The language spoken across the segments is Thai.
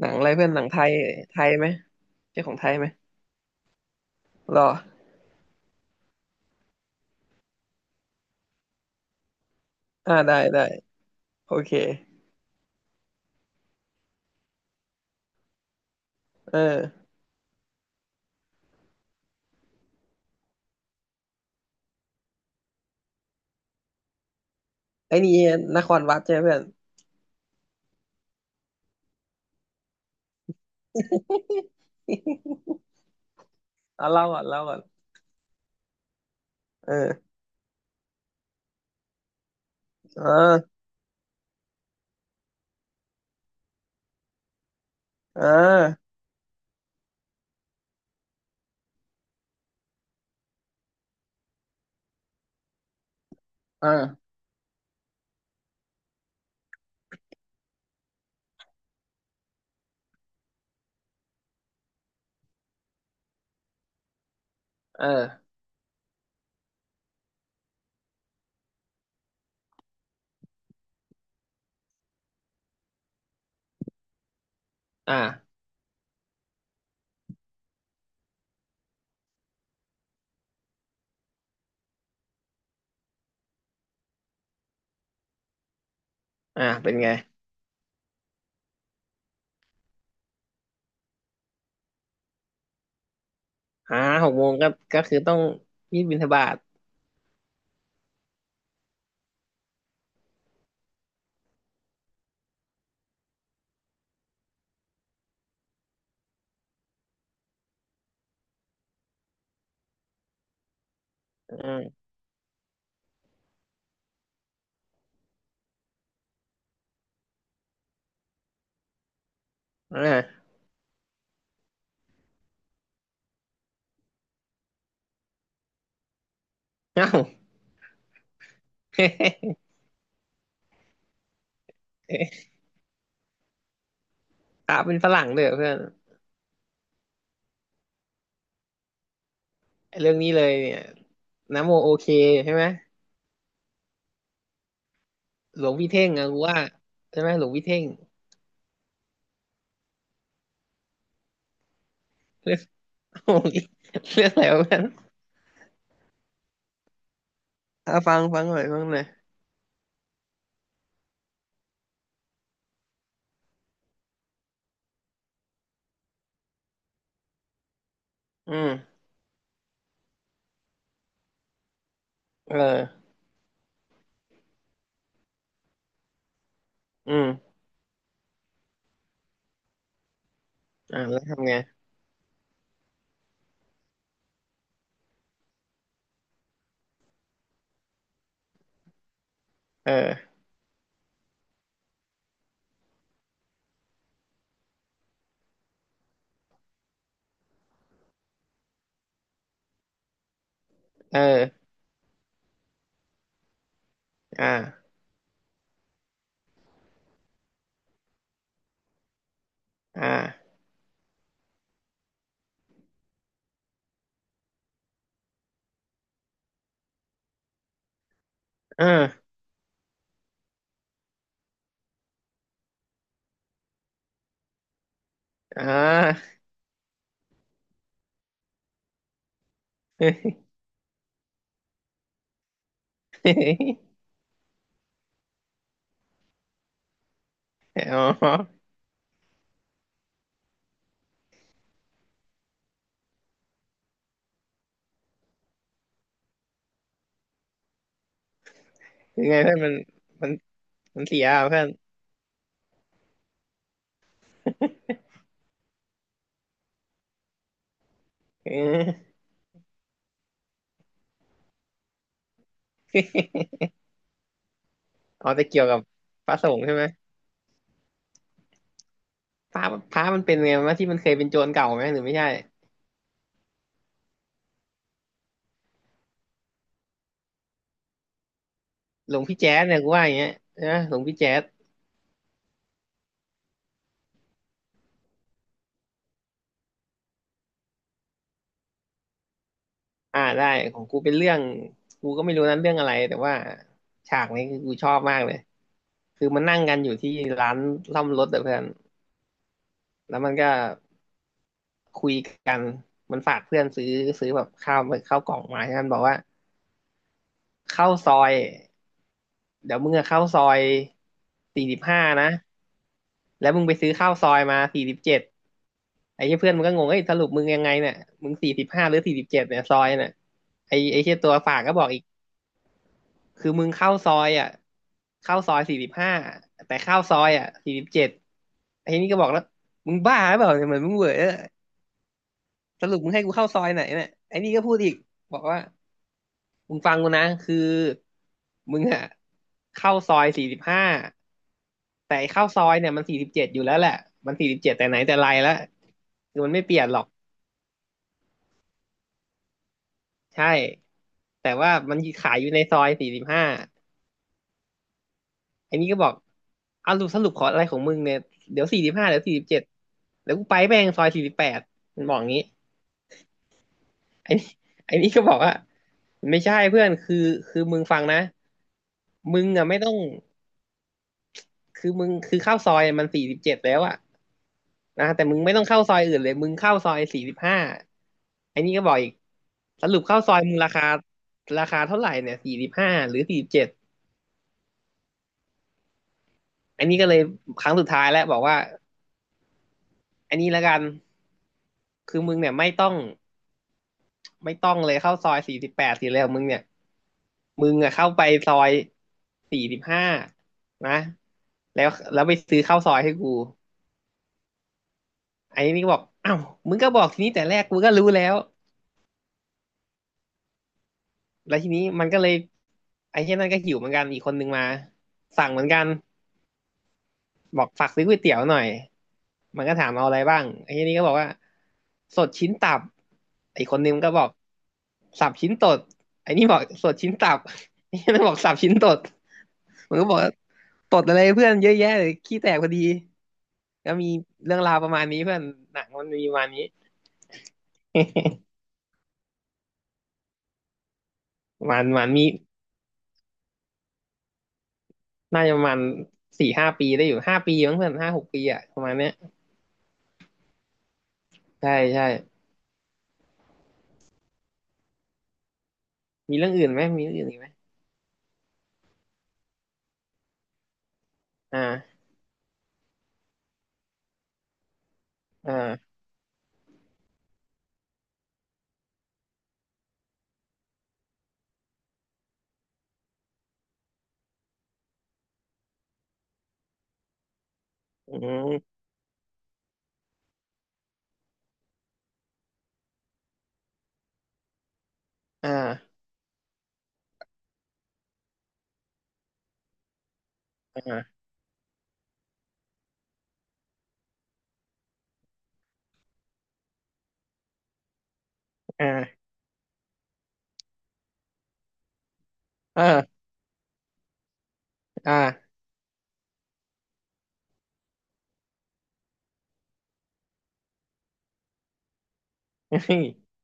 หนังอะไรเพื่อนหนังไทยไทยไหมใช่ของไทยไหมรออ่าได้ได้โอเคเออไอ้นี่นครวัดใช่ไหมเพื่อน เอาเล่าก่อนเล่าก่อนเออเออเออเออเอออ่าอ่าเป็นไงอ่าหกโมงก็ก็คือต้องรีบบิณฑบาตอาอ่าเอ้า พระเป็นฝรั่งด้วยเหรอเพื่อนไอ้เรื่องนี้เลยเนี่ยนะโมโอเคใช่ไหมหลวงพี่เท่งอะกูว่าใช่ไหมหลวงพี่เท่ง เรื่อง้ เรื่องอะไรวะ อ่ะฟังฟังหน่อยฟังหน่อยอืมเอออืมอ่าแล้วทำไงเออเอออ่าอ่าเอ่าอ่า อ๋อคือไงเพื่อนมันมันเสียอ่ะเพื่อนเอออ๋อจะเกี่ยวกับพระสงฆ์ใช่ไหมพระพระมันเป็นไงวะที่มันเคยเป็นโจรเก่าไหมหรือไม่ใช่หลวงพี่แจ๊สเนี่ยกูว่าอย่างเงี้ยนะหลวงพี่แจ๊ส อ่าได้ของกูเป็นเรื่องกูก็ไม่รู้นั้นเรื่องอะไรแต่ว่าฉากนี้คือกูชอบมากเลยคือมันนั่งกันอยู่ที่ร้านซ่อมรถแต่เพื่อนแล้วมันก็คุยกันมันฝากเพื่อนซื้อแบบข้าวกล่องมาใช่ไหมมันบอกว่าเข้าซอยเดี๋ยวมึงอะเข้าซอยสี่สิบห้านะแล้วมึงไปซื้อข้าวซอยมาสี่สิบเจ็ดไอ้เหี้ยเพื่อนมันก็งงเอ้ยสรุปมึงยังไงเนี่ยมึงสี่สิบห้าหรือสี่สิบเจ็ดเนี่ยซอยเนี่ยไอ้เหี้ยตัวฝากก็บอกอีก คือมึงเข้าซอยอ่ะเข้าซอยสี่สิบห้าแต่เข้าซอยอ่ะสี่สิบเจ็ดไอ้นี่ก็บอกแล้วมึงบ้าหรือเปล่าเนี่ยเหมือนมึงเหวอสรุปมึงให้กูเข้าซอยไหนเนี่ยไอ้นี่ก็พูดอีกบอกว่ามึงฟังกูนะคือมึงอ่ะเข้าซอยสี่สิบห้าแต่ไอ้เข้าซอยเนี่ยมันสี่สิบเจ็ดอยู่แล้วแหละมันสี่สิบเจ็ดแต่ไหนแต่ไรแล้วคือมันไม่เปลี่ยนหรอกใช่แต่ว่ามันขายอยู่ในซอยสี่สิบห้า ไอ้นี่ก็บอกเอาสรุปสรุปขออะไรของมึงเนี่ยเดี๋ยวสี่สิบห้าเดี๋ยวสี่สิบเจ็ดเดี๋ยวกูไปแม่งซอยสี่สิบแปดมันบอกงี้ไอ้นี่ไอ้นี่ก็บอกว่าไม่ใช่เพื่อนคือมึงฟังนะมึงอ่ะไม่ต้องคือมึงคือเข้าซอยมันสี่สิบเจ็ดแล้วอ่ะนะแต่มึงไม่ต้องเข้าซอยอื่นเลยมึงเข้าซอยสี่สิบห้าไอ้นี่ก็บอกอีกสรุปเข้าซอยมึงราคาเท่าไหร่เนี่ยสี่สิบห้าหรือสี่สิบเจ็ดอันนี้ก็เลยครั้งสุดท้ายแล้วบอกว่า อันนี้ละกันคือมึงเนี่ยไม่ต้องไม่ต้องเลยเข้าซอยสี่สิบแปดสิเลยของมึงเนี่ยมึงอะเข้าไปซอยสี่สิบห้านะแล้วแล้วไปซื้อข้าวซอยให้กูไอ้นี่ก็บอกอ้าวมึงก็บอกทีนี้แต่แรกกูก็รู้แล้วแล้วทีนี้มันก็เลยไอ้เช่นนั้นก็หิวเหมือนกันอีกคนนึงมาสั่งเหมือนกัน บอกฝากซื้อก๋วยเตี๋ยวหน่อยมันก็ถามเอาอะไรบ้างไอ้ทีนี้ก็บอกว่าสดชิ้นตับไอ้คนนึงก็บอกสับชิ้นตดไอ้นี่บอกสดชิ้นตับไอ้นี่มันบอกสับชิ้นตดมันก็บอกว่าตดอะไรเพื่อนเยอะแยะเลยขี้แตกพอดีก็มีเรื่องราวประมาณนี้เพื่อนหนังมันมีประมาณนี้ประมาณมีน่าจะประมาณสี่ห้าปีได้อยู่ห้าปีมั้งเพื่อนห้าหกปีอะประมาณเนี้ยใช่ใช่มีเรื่องอื่นไหมมีเรื่องอื่นอีกไหมอ่าอ่าอืมอ่าอ่าอ่า เอออ่า อืม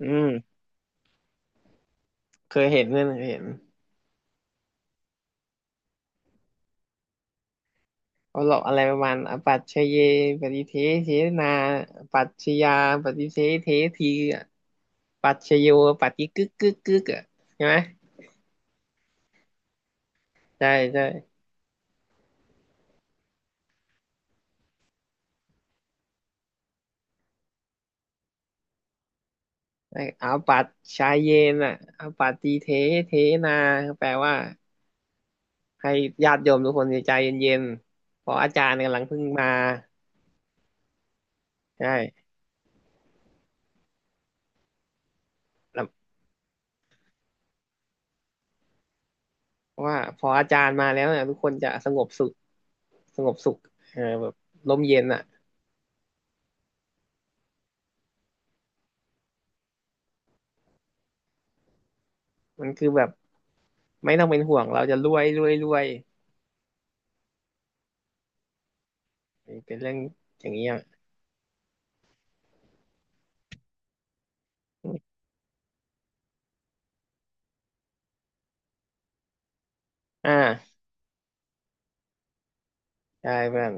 อืมเคยเห็นเพื่อนเคยเห็นเขาหลอกอะไรประมาณอปัจเชเยปฏิเทเทนาอปัจฉยาปฏิเทเททีอะปัจฉโยปัฏิกึกกึกกึกอ่ะใช่ไหมใช่ใช่ไอ้อปัจชาเยนอ่ะอปัติเทเทนาแปลว่าให้ญาติโยมทุกคนใจเย็นๆเพราะอาจารย์กำลังเพิ่งมาใช่เรา เพราะว่าพออาจารย์มาแล้วเนี่ยทุกคนจะสงบสุขสงบสุขเออแบบลมเย็นอ่ะมันคือแบบไม่ต้องเป็นห่วงเราจะรวยรวยรวยเป็นเรื่องอย่างเงี้ยอ่าใช่เพื่อน